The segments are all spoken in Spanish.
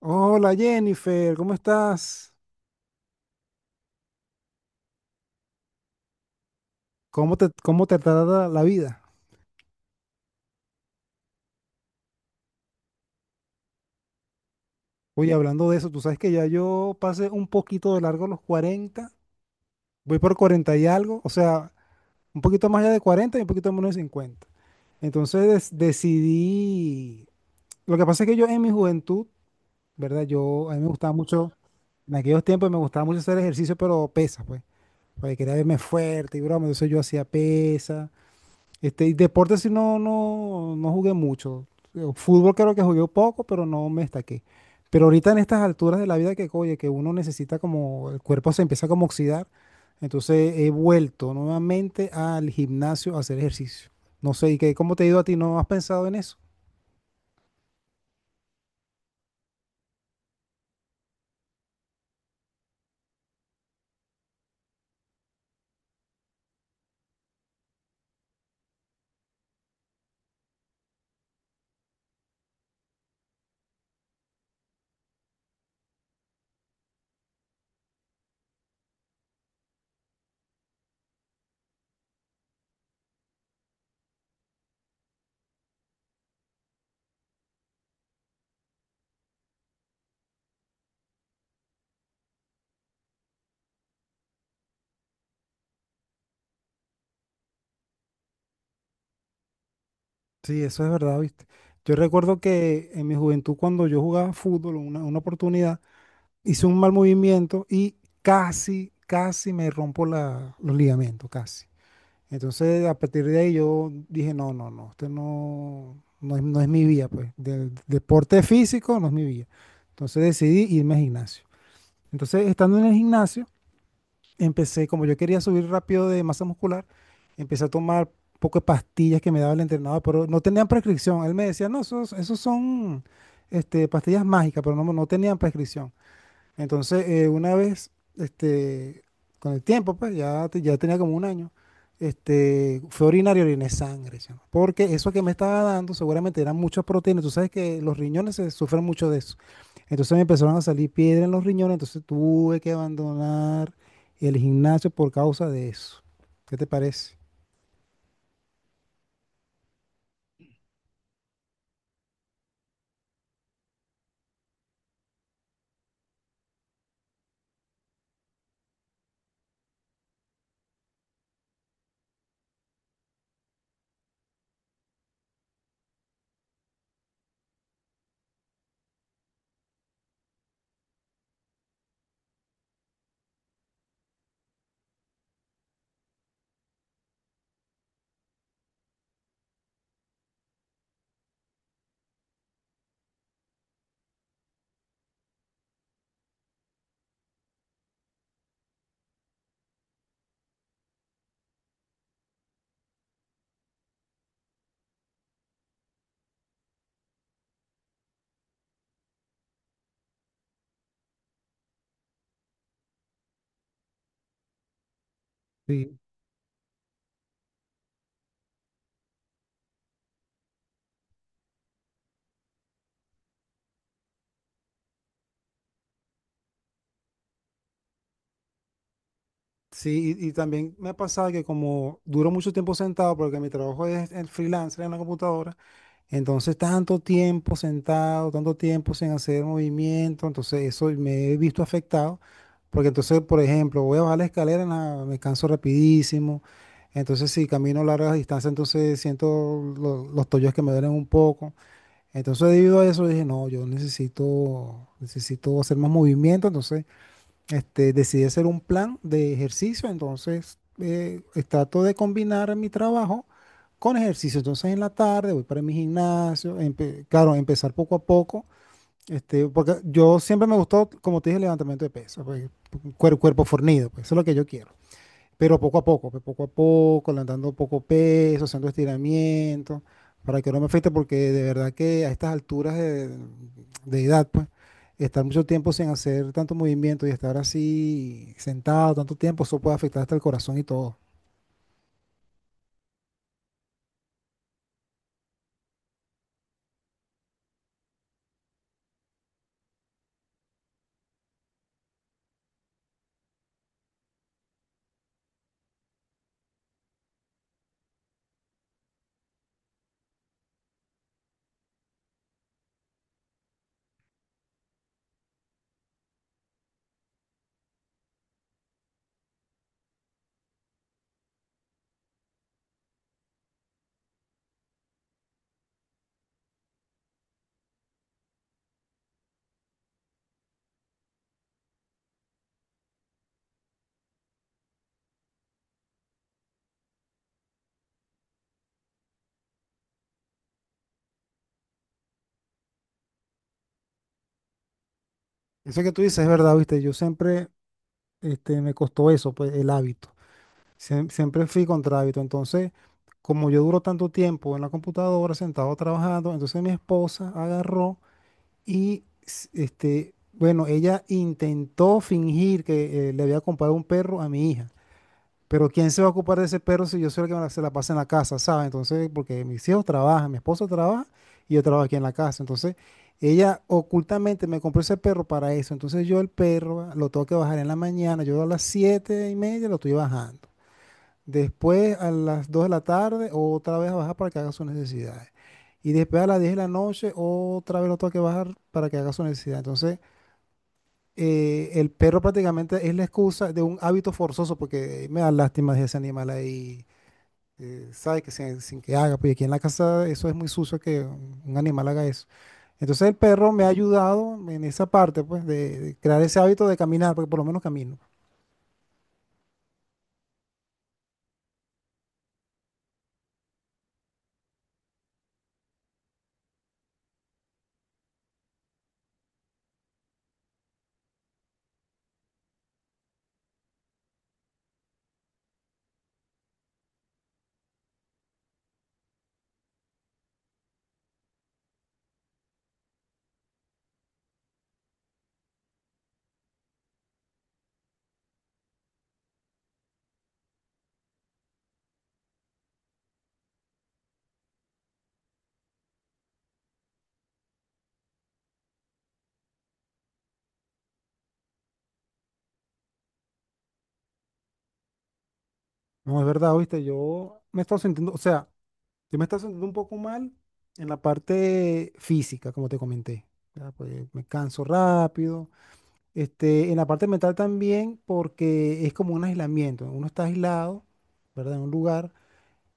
Hola Jennifer, ¿cómo estás? ¿Cómo te trata la vida? Oye, hablando de eso, tú sabes que ya yo pasé un poquito de largo los 40, voy por 40 y algo, o sea, un poquito más allá de 40 y un poquito menos de 50. Entonces decidí, lo que pasa es que yo en mi juventud, ¿verdad? A mí me gustaba mucho, en aquellos tiempos me gustaba mucho hacer ejercicio, pero pesas, pues, porque quería verme fuerte y broma, entonces yo hacía pesas. Y deporte sí no jugué mucho. Fútbol creo que jugué poco, pero no me destaqué. Pero ahorita en estas alturas de la vida que, oye, que uno necesita como, el cuerpo se empieza como a oxidar. Entonces he vuelto nuevamente al gimnasio a hacer ejercicio. No sé, ¿y qué, cómo te ha ido a ti? ¿No has pensado en eso? Sí, eso es verdad, ¿viste? Yo recuerdo que en mi juventud, cuando yo jugaba fútbol, una oportunidad, hice un mal movimiento y casi, casi me rompo los ligamentos, casi. Entonces, a partir de ahí yo dije, no, no, no, esto no, no es mi vía, pues. Del deporte físico no es mi vía. Entonces decidí irme al gimnasio. Entonces, estando en el gimnasio, empecé, como yo quería subir rápido de masa muscular, empecé a tomar un poco de pastillas que me daba el entrenador, pero no tenían prescripción. Él me decía, no, esos son pastillas mágicas, pero no tenían prescripción. Entonces, una vez, este, con el tiempo, pues ya, ya tenía como un año, fue orinar y oriné sangre, chamo, porque eso que me estaba dando seguramente eran muchas proteínas. Tú sabes que los riñones se sufren mucho de eso. Entonces me empezaron a salir piedras en los riñones, entonces tuve que abandonar el gimnasio por causa de eso. ¿Qué te parece? Sí, sí, y también me ha pasado que como duro mucho tiempo sentado, porque mi trabajo es el freelancer en la computadora. Entonces, tanto tiempo sentado, tanto tiempo sin hacer movimiento, entonces eso me he visto afectado, porque entonces, por ejemplo, voy a bajar la escalera, me canso rapidísimo, entonces si camino largas distancias, entonces siento los tobillos que me duelen un poco. Entonces, debido a eso, dije, no, yo necesito hacer más movimiento, entonces decidí hacer un plan de ejercicio, entonces trato de combinar mi trabajo con ejercicio. Entonces en la tarde voy para mi gimnasio, claro, empezar poco a poco, porque yo siempre me gustó, como te dije, el levantamiento de pesas, pues, cuerpo fornido, pues eso es lo que yo quiero. Pero poco a poco, pues, poco a poco, levantando poco peso, haciendo estiramientos, para que no me afecte, porque de verdad que a estas alturas de edad, pues, estar mucho tiempo sin hacer tanto movimiento y estar así sentado tanto tiempo, eso puede afectar hasta el corazón y todo. Eso que tú dices es verdad, viste, yo siempre me costó eso, pues, el hábito. Siempre fui contra hábito. Entonces, como yo duro tanto tiempo en la computadora, sentado trabajando, entonces mi esposa agarró. Y bueno, ella intentó fingir que le había comprado un perro a mi hija. Pero ¿quién se va a ocupar de ese perro si yo soy el que se la pasa en la casa, ¿sabes? Entonces, porque mis hijos trabajan, mi esposo trabaja y yo trabajo aquí en la casa. Entonces, ella ocultamente me compró ese perro para eso. Entonces, yo el perro lo tengo que bajar en la mañana. Yo a las 7:30 lo estoy bajando. Después a las 2 de la tarde, otra vez a bajar para que haga sus necesidades. Y después a las 10 de la noche, otra vez lo tengo que bajar para que haga su necesidad. Entonces, el perro prácticamente es la excusa de un hábito forzoso, porque me da lástima de ese animal ahí, sabe que sin que haga, porque aquí en la casa eso es muy sucio que un animal haga eso. Entonces, el perro me ha ayudado en esa parte, pues, de crear ese hábito de caminar, porque por lo menos camino. No, es verdad, oíste, yo me he estado sintiendo, o sea, yo me está sintiendo un poco mal en la parte física, como te comenté. Ya, pues, me canso rápido. En la parte mental también, porque es como un aislamiento. Uno está aislado, ¿verdad? En un lugar.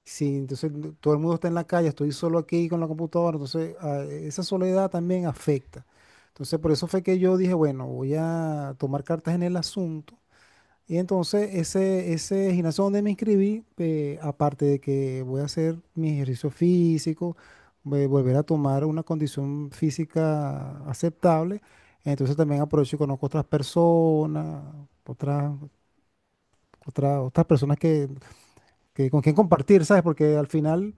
Sí, entonces todo el mundo está en la calle, estoy solo aquí con la computadora. Entonces, ah, esa soledad también afecta. Entonces, por eso fue que yo dije, bueno, voy a tomar cartas en el asunto y entonces ese gimnasio donde me inscribí, aparte de que voy a hacer mi ejercicio físico, voy a volver a tomar una condición física aceptable, entonces también aprovecho y conozco otras personas, otras, otras personas que con quien compartir, ¿sabes? Porque al final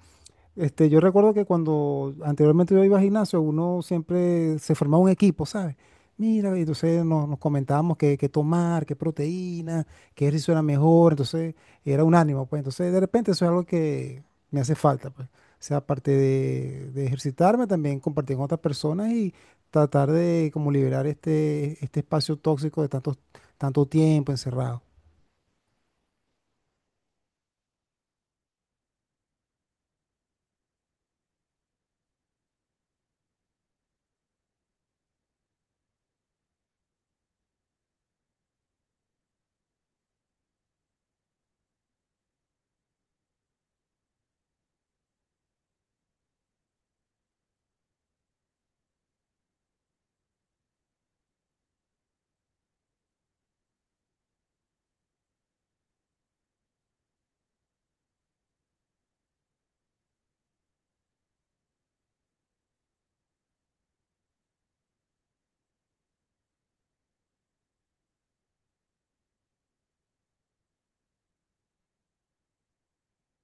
yo recuerdo que cuando anteriormente yo iba al gimnasio, uno siempre se formaba un equipo, ¿sabes? Mira, y entonces nos, nos comentábamos qué, qué tomar, qué proteína, qué ejercicio era mejor, entonces era un ánimo, pues entonces de repente eso es algo que me hace falta, pues. O sea, aparte de ejercitarme, también compartir con otras personas y tratar de como liberar este espacio tóxico de tanto, tanto tiempo encerrado.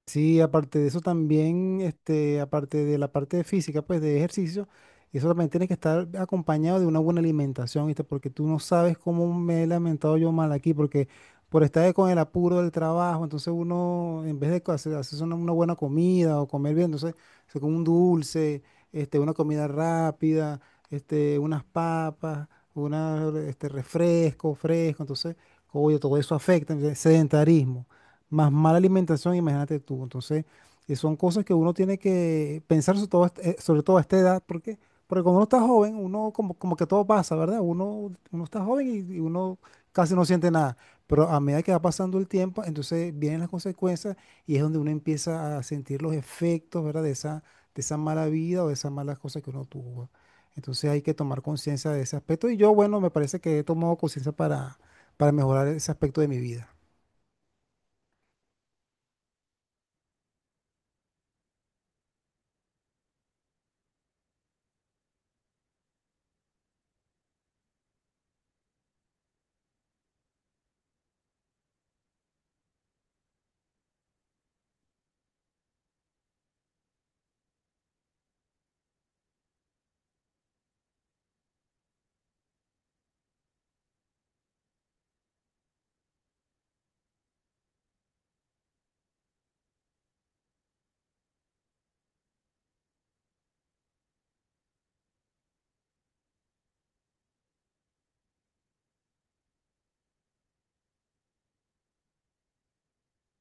Sí, aparte de eso también, aparte de la parte de física, pues de ejercicio, eso también tiene que estar acompañado de una buena alimentación, ¿viste? Porque tú no sabes cómo me he lamentado yo mal aquí, porque por estar con el apuro del trabajo, entonces uno, en vez de hacer, hacerse una buena comida o comer bien, entonces se come un dulce, una comida rápida, unas papas, una, refresco, fresco, entonces, oye, todo eso afecta, entonces, sedentarismo más mala alimentación, imagínate tú. Entonces, son cosas que uno tiene que pensar sobre todo, sobre todo a esta edad, porque, cuando uno está joven, uno como, como que todo pasa, ¿verdad? Uno está joven y uno casi no siente nada. Pero a medida que va pasando el tiempo, entonces vienen las consecuencias y es donde uno empieza a sentir los efectos, ¿verdad? De esa mala vida o de esas malas cosas que uno tuvo. Entonces hay que tomar conciencia de ese aspecto y yo, bueno, me parece que he tomado conciencia para, mejorar ese aspecto de mi vida.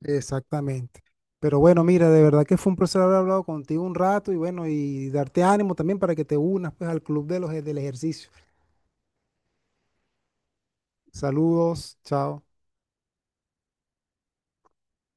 Exactamente. Pero bueno, mira, de verdad que fue un placer haber hablado contigo un rato y bueno, y darte ánimo también para que te unas pues al club de del ejercicio. Saludos, chao.